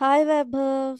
हाय वैभव।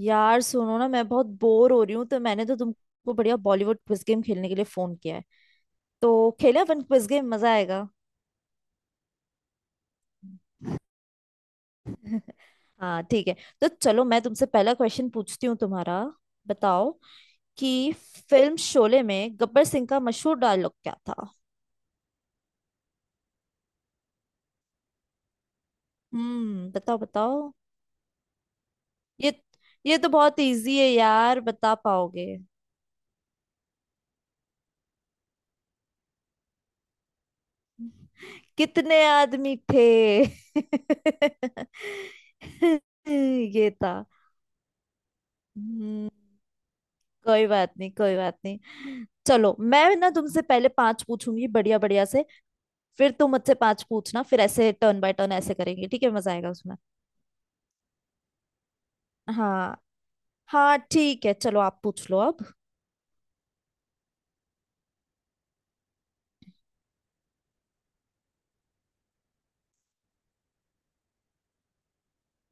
यार सुनो ना, मैं बहुत बोर हो रही हूँ, तो मैंने तो तुमको बढ़िया बॉलीवुड क्विज गेम खेलने के लिए फोन किया है। तो खेले अपन क्विज गेम, मजा आएगा। हाँ ठीक है। तो चलो मैं तुमसे पहला क्वेश्चन पूछती हूँ तुम्हारा। बताओ कि फिल्म शोले में गब्बर सिंह का मशहूर डायलॉग क्या था। हम्म, बताओ बताओ। ये ये तो बहुत इजी है यार, बता पाओगे? कितने आदमी थे ये था। हम्म। कोई बात नहीं, कोई बात नहीं। चलो मैं ना तुमसे पहले पांच पूछूंगी बढ़िया बढ़िया से, फिर तुम मुझसे पांच पूछना। फिर ऐसे टर्न बाय टर्न ऐसे करेंगे, ठीक है? मजा आएगा उसमें। हाँ हाँ ठीक है, चलो आप पूछ लो अब।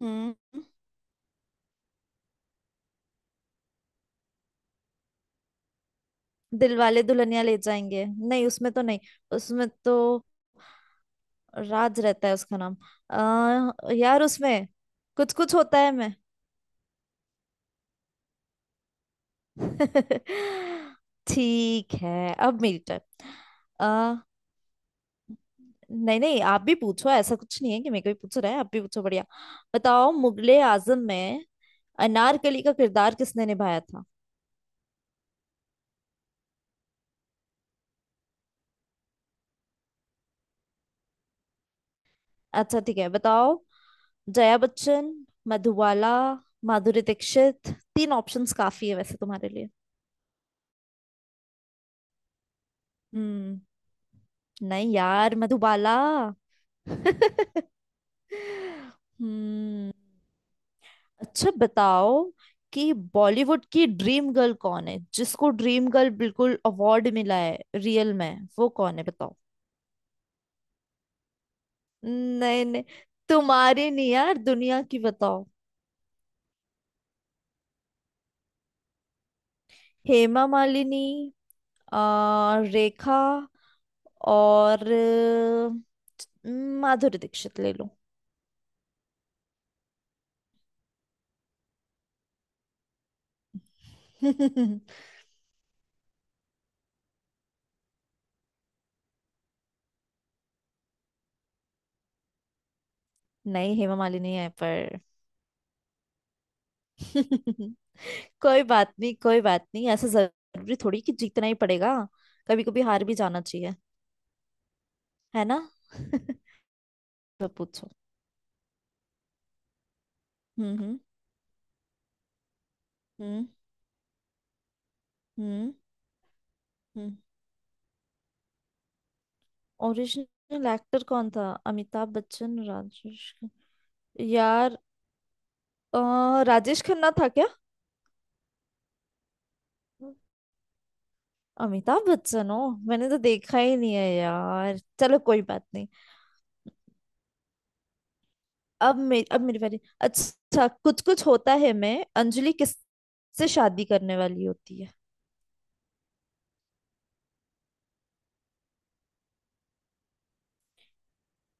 हम्म। दिलवाले दुल्हनिया ले जाएंगे? नहीं, उसमें तो नहीं। उसमें तो राज रहता है उसका नाम। यार उसमें कुछ कुछ होता है मैं। ठीक है, अब मेरी टर्न। नहीं नहीं, आप भी पूछो। ऐसा कुछ नहीं है कि मेरे को ही पूछ रहा है, आप भी पूछो बढ़िया। बताओ मुगले आजम में अनारकली का किरदार किसने निभाया था। अच्छा ठीक है, बताओ। जया बच्चन, मधुबाला, माधुरी दीक्षित। तीन ऑप्शंस काफी है वैसे तुम्हारे लिए। हम्म। नहीं यार, मधुबाला। हम्म। अच्छा बताओ कि बॉलीवुड की ड्रीम गर्ल कौन है, जिसको ड्रीम गर्ल बिल्कुल अवार्ड मिला है रियल में, वो कौन है बताओ। नहीं नहीं, तुम्हारी नहीं यार, दुनिया की बताओ। हेमा मालिनी, रेखा, और माधुरी दीक्षित, ले लो। नहीं, हेमा मालिनी है पर। कोई बात नहीं, कोई बात नहीं। ऐसा जरूरी थोड़ी कि जीतना ही पड़ेगा, कभी कभी हार भी जाना चाहिए, है ना? तो पूछो। हम्म। हम्म हम्म हम्म। ओरिजिनल एक्टर कौन था, अमिताभ बच्चन, राजेश। यार, राजेश खन्ना था क्या? अमिताभ बच्चन हो। मैंने तो देखा ही नहीं है यार, चलो कोई बात नहीं। अब मेरी बारी। अच्छा, कुछ कुछ होता है मैं अंजलि किस से शादी करने वाली होती है,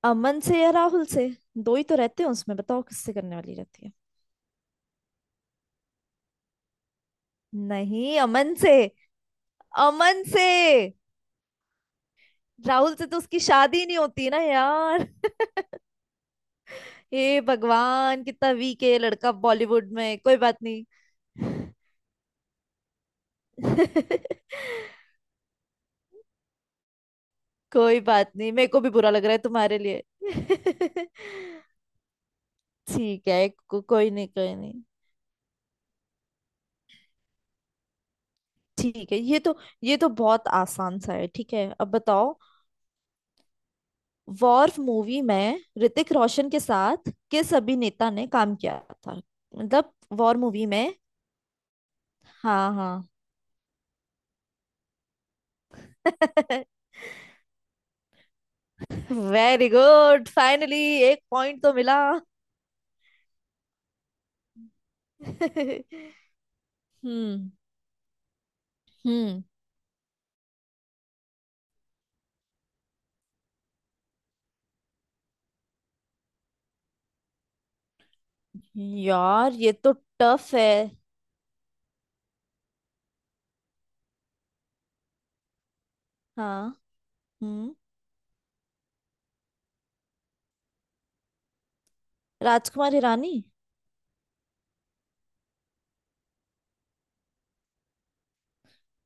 अमन से या राहुल से? दो ही तो रहते हैं उसमें, बताओ किससे करने वाली रहती है। नहीं, अमन से। अमन से। राहुल से तो उसकी शादी नहीं होती ना यार। हे भगवान, कितना वीक है ये लड़का बॉलीवुड में, कोई बात नहीं। कोई बात नहीं, मेरे को भी बुरा लग रहा है तुम्हारे लिए। ठीक है, कोई नहीं, कोई नहीं। ठीक है, ये तो बहुत आसान सा है। ठीक है, अब बताओ वॉर मूवी में ऋतिक रोशन के साथ किस अभिनेता ने काम किया था। मतलब, वॉर मूवी में। हाँ हाँ। वेरी गुड, फाइनली एक पॉइंट तो मिला। हम्म हम्म। यार ये तो टफ है। हाँ। हम्म। राजकुमार हिरानी।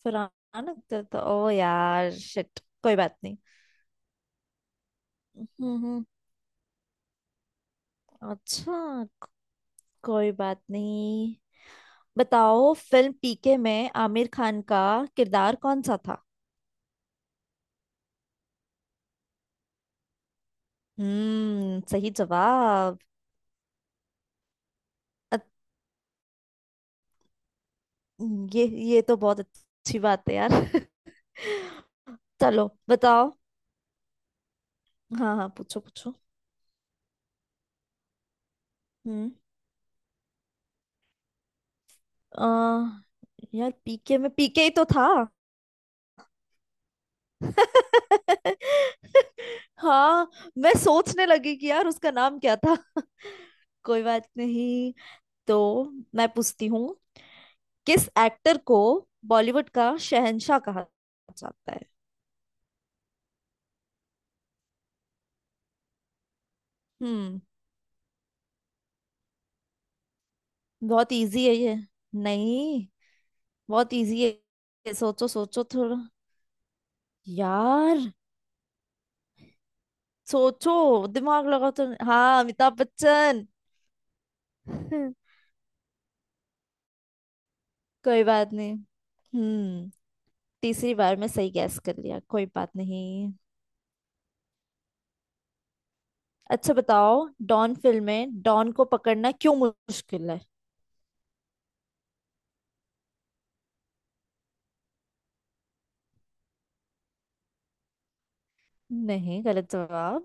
पुराना लगता था, ओ यार शिट, कोई बात नहीं। हम्म। अच्छा, कोई बात नहीं। बताओ फिल्म पीके में आमिर खान का किरदार कौन सा था। हम्म, सही जवाब। अत- ये ये तो बहुत अच्छी बात है यार। चलो बताओ। हाँ हाँ, पूछो पूछो। हम्म। अ, यार पीके में पीके ही तो था। हाँ, मैं सोचने लगी कि यार उसका नाम क्या था। कोई बात नहीं। तो मैं पूछती हूँ, किस एक्टर को बॉलीवुड का शहंशाह कहा जाता है। हम्म। बहुत इजी है ये, नहीं, बहुत इजी है ये। सोचो सोचो थोड़ा यार, सोचो दिमाग लगाओ। तो हाँ, अमिताभ बच्चन। कोई बात नहीं। हम्म। तीसरी बार में सही गैस कर लिया, कोई बात नहीं। अच्छा बताओ, डॉन फिल्म में डॉन को पकड़ना क्यों मुश्किल है। नहीं, गलत जवाब।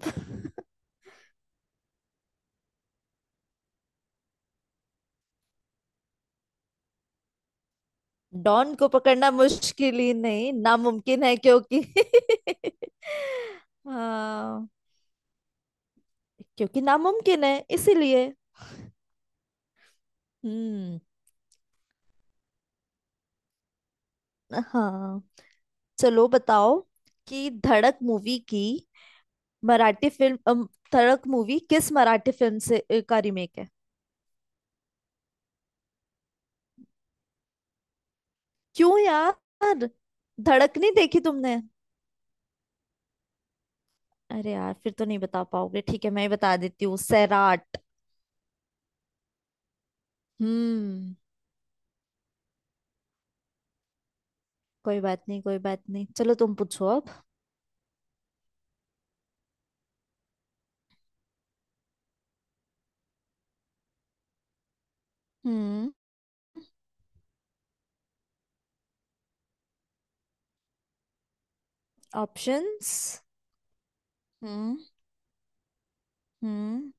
डॉन को पकड़ना मुश्किल ही नहीं, नामुमकिन है क्योंकि। हाँ, क्योंकि नामुमकिन है इसीलिए। हम्म। हाँ चलो बताओ कि धड़क मूवी की मराठी फिल्म धड़क मूवी किस मराठी फिल्म से का रीमेक है। क्यों यार, धड़क नहीं देखी तुमने? अरे यार, फिर तो नहीं बता पाओगे। ठीक है, मैं ही बता देती हूँ, सैराट। हम्म। कोई बात नहीं, कोई बात नहीं, चलो तुम पूछो अब। हम्म। ऑप्शंस। हम्म हम्म।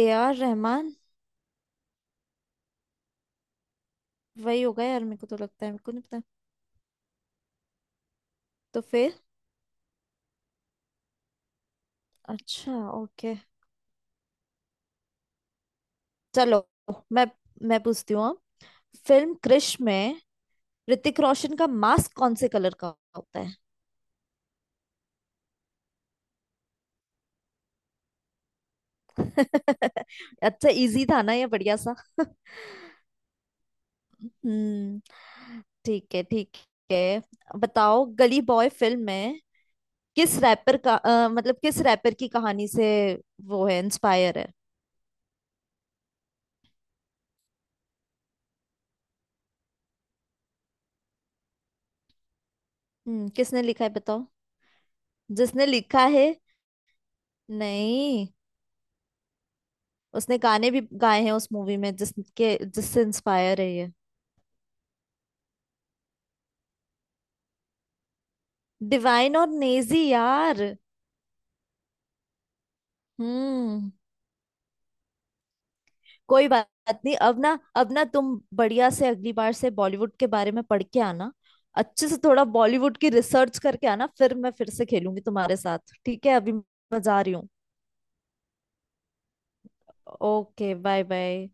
A R Rahman. वही होगा यार, मेरे को तो लगता है, मेरे को नहीं पता। तो फिर, अच्छा, ओके। चलो मैं मैं पूछती हूँ अब। फिल्म क्रिश में ऋतिक रोशन का मास्क कौन से कलर का होता है। अच्छा, इजी था ना ये बढ़िया सा। हम्म। ठीक है, ठीक है। बताओ गली बॉय फिल्म में किस रैपर का, मतलब किस रैपर की कहानी से वो है, इंस्पायर है। हम्म, किसने लिखा है बताओ। जिसने लिखा है, नहीं, उसने गाने भी गाए हैं उस मूवी में, जिसके जिससे इंस्पायर है ये। डिवाइन और नेजी यार। हम्म। कोई बात नहीं, अब ना, अब ना तुम बढ़िया से अगली बार से बॉलीवुड के बारे में पढ़ के आना। अच्छे से थोड़ा बॉलीवुड की रिसर्च करके आना, फिर मैं फिर से खेलूंगी तुम्हारे साथ, ठीक है? अभी मैं जा रही हूँ। Okay, bye bye.